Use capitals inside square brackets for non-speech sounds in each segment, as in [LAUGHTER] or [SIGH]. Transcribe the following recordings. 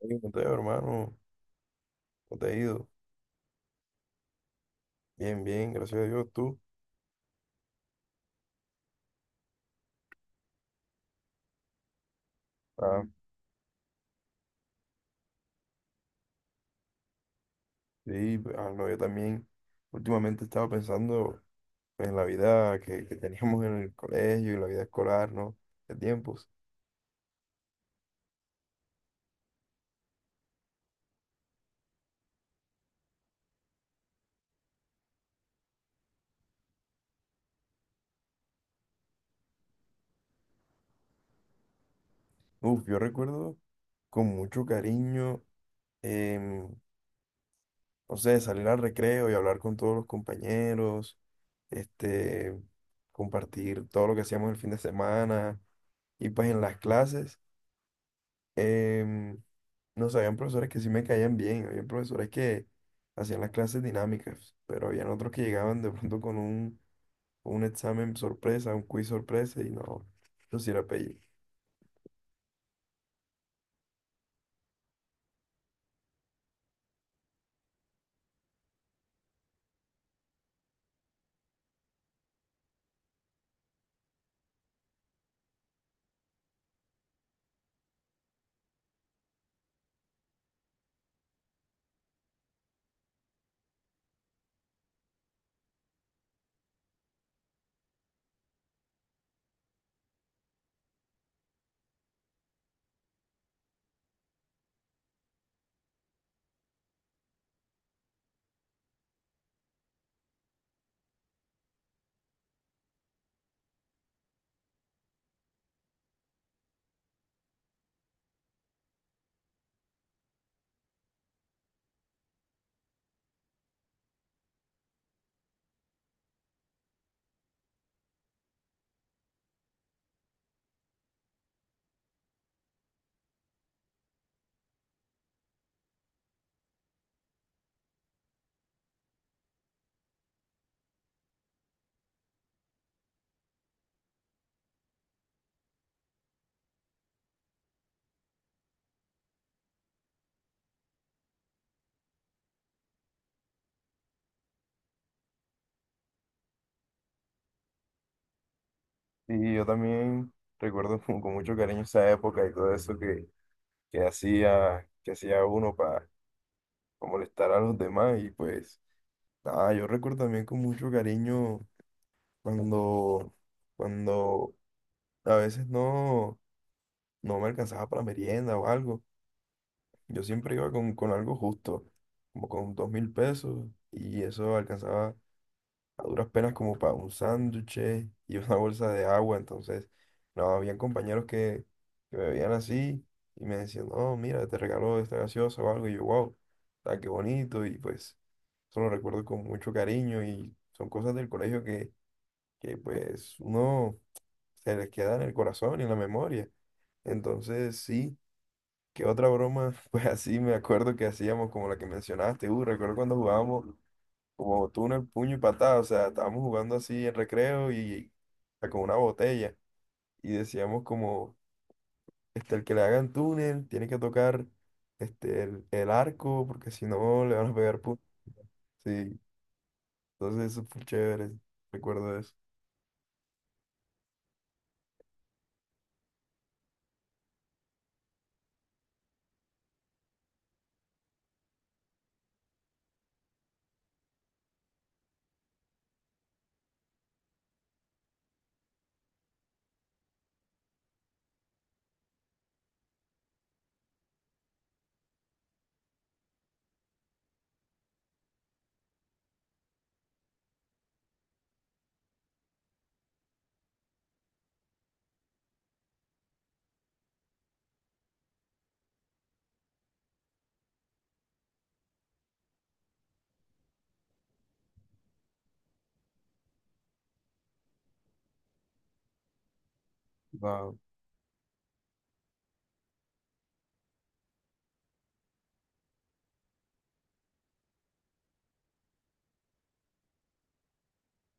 Hey, Mateo, hermano, ¿cómo te ha ido? Bien, bien, gracias a Dios, tú. Ah, sí, pues, ah, no, yo también últimamente estaba pensando pues, en la vida que teníamos en el colegio y la vida escolar, ¿no? De tiempos. Uf, yo recuerdo con mucho cariño, em, no sé, salir al recreo y hablar con todos los compañeros, este, compartir todo lo que hacíamos el fin de semana y pues en las clases. em, no sé, habían profesores que sí me caían bien, habían profesores que hacían las clases dinámicas, pero habían otros que llegaban de pronto con con un examen sorpresa, un quiz sorpresa, y no, yo sí era pelle. Y yo también recuerdo [LAUGHS] con mucho cariño esa época y todo eso que hacía uno para molestar a los demás. Y pues, nada, yo recuerdo también con mucho cariño cuando, cuando a veces no. No me alcanzaba para merienda o algo. Yo siempre iba con algo justo, como con 2000 pesos, y eso alcanzaba a duras penas como para un sándwich y [LAUGHS] una bolsa de agua. Entonces, no, habían compañeros que me veían así y me decían, no, mira, te regaló esta gaseosa o algo, y yo, wow, ah, qué bonito, y pues eso lo recuerdo con mucho cariño, y son cosas del colegio que pues uno se les queda en el corazón y en la memoria. Entonces, sí. ¿Qué otra broma? [LAUGHS] Pues así me acuerdo que hacíamos como la que mencionaste, recuerdo cuando jugábamos como túnel, puño y patada, o sea, estábamos jugando así en recreo y ah, con una botella y decíamos como, este, el que le hagan túnel tiene que tocar este, el arco porque si no le van a pegar puntos. Sí, entonces eso fue chévere, recuerdo eso. Wow.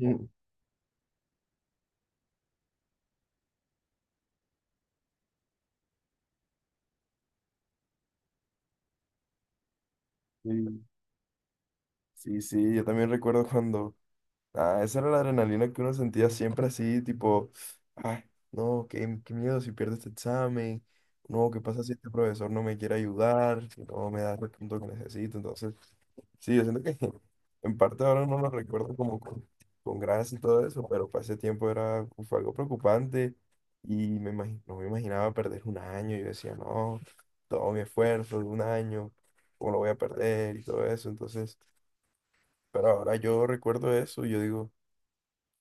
Mm, sí, sí, sí, yo también recuerdo cuando ah, esa era la adrenalina que uno sentía siempre así, tipo, ay, no, qué miedo si pierdo este examen, no, qué pasa si este profesor no me quiere ayudar, si no me da el punto que necesito. Entonces, sí, yo siento que [LAUGHS] en parte ahora no lo recuerdo como con gracia y todo eso, pero para ese tiempo era, fue algo preocupante y no me imaginaba perder un año. Yo decía, no, todo mi esfuerzo de un año, ¿cómo lo voy a perder y todo eso? Entonces... Pero ahora yo recuerdo eso y yo digo,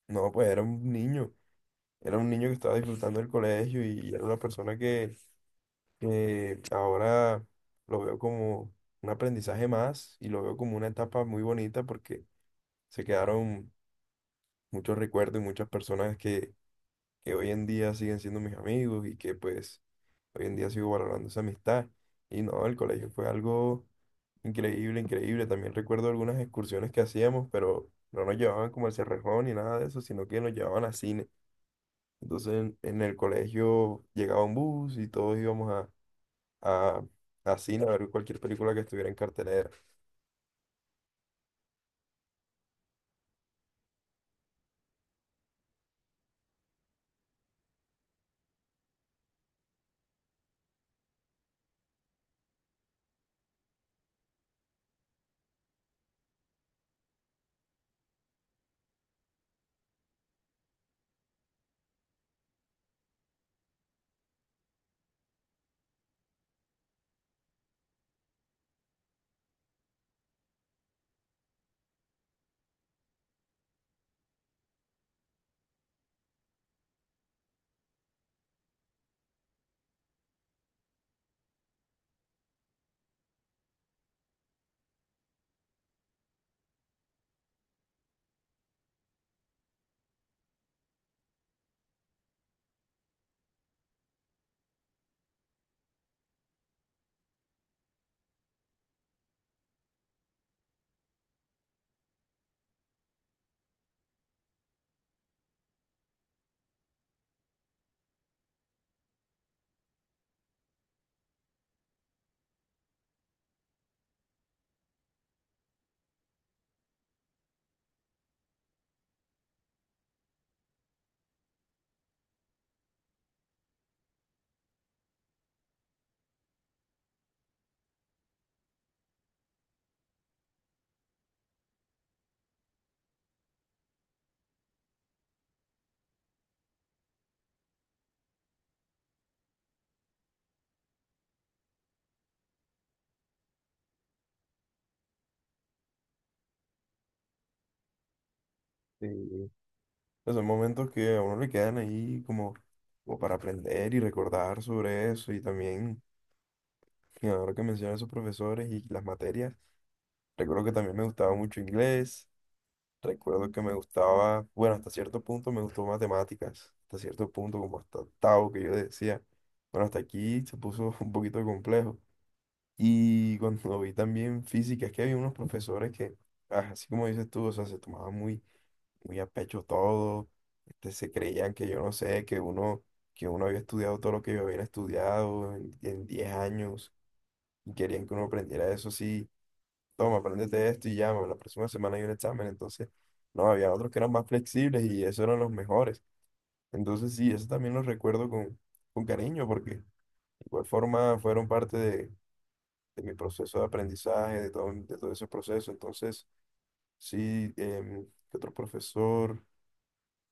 no, pues era un niño que estaba disfrutando del colegio y era una persona que ahora lo veo como un aprendizaje más y lo veo como una etapa muy bonita porque se quedaron muchos recuerdos y muchas personas que hoy en día siguen siendo mis amigos y que pues hoy en día sigo valorando esa amistad. Y no, el colegio fue algo increíble, increíble. También recuerdo algunas excursiones que hacíamos, pero no nos llevaban como al Cerrejón ni nada de eso, sino que nos llevaban a cine. Entonces en el colegio llegaba un bus y todos íbamos a, a cine a ver cualquier película que estuviera en cartelera. Sí. Pues son momentos que a uno le quedan ahí como, como para aprender y recordar sobre eso. Y también, y ahora que mencionas esos profesores y las materias, recuerdo que también me gustaba mucho inglés. Recuerdo que me gustaba, bueno, hasta cierto punto me gustó matemáticas. Hasta cierto punto, como hasta octavo, que yo decía, bueno, hasta aquí se puso [LAUGHS] un poquito complejo. Y cuando [LAUGHS] vi también física, es que había unos profesores que, ah, así como dices tú, o sea, se tomaban muy, muy a pecho todo, este, se creían que yo no sé, que uno había estudiado todo lo que yo había estudiado en 10 años y querían que uno aprendiera eso así toma, apréndete esto y llama, la próxima semana hay un examen, entonces, no, había otros que eran más flexibles y esos eran los mejores. Entonces, sí, eso también los recuerdo con cariño porque de igual forma fueron parte de mi proceso de aprendizaje, de todo ese proceso. Entonces, sí, ¿qué otro profesor?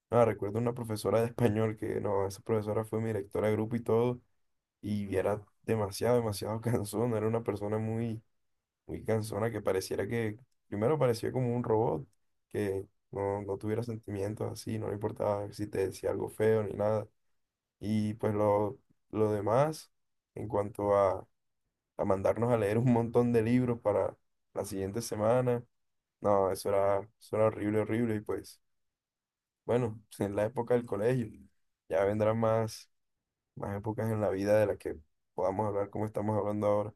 Ah, recuerdo una profesora de español que, no, esa profesora fue mi directora de grupo y todo, y era demasiado, demasiado [LAUGHS] cansona, era una persona muy, muy cansona que pareciera que, primero parecía como un robot, que no tuviera sentimientos así, no le importaba si te decía algo feo ni nada. Y pues lo demás, en cuanto a mandarnos a leer un montón de libros para la siguiente semana. No, eso era horrible, horrible. Y pues, bueno, [LAUGHS] en la época del colegio, ya vendrán más, más épocas en la vida de las que podamos hablar como estamos hablando ahora.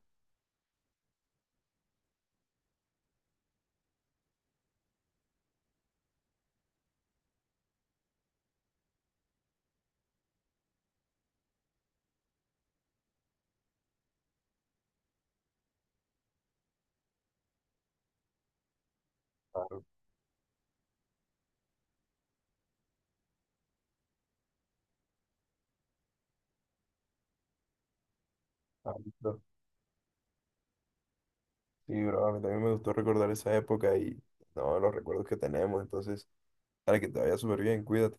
Claro, claro, claro. Sí, bro, a mí también me gustó recordar esa época y no, los recuerdos que tenemos. Entonces, para que te vaya súper bien, cuídate.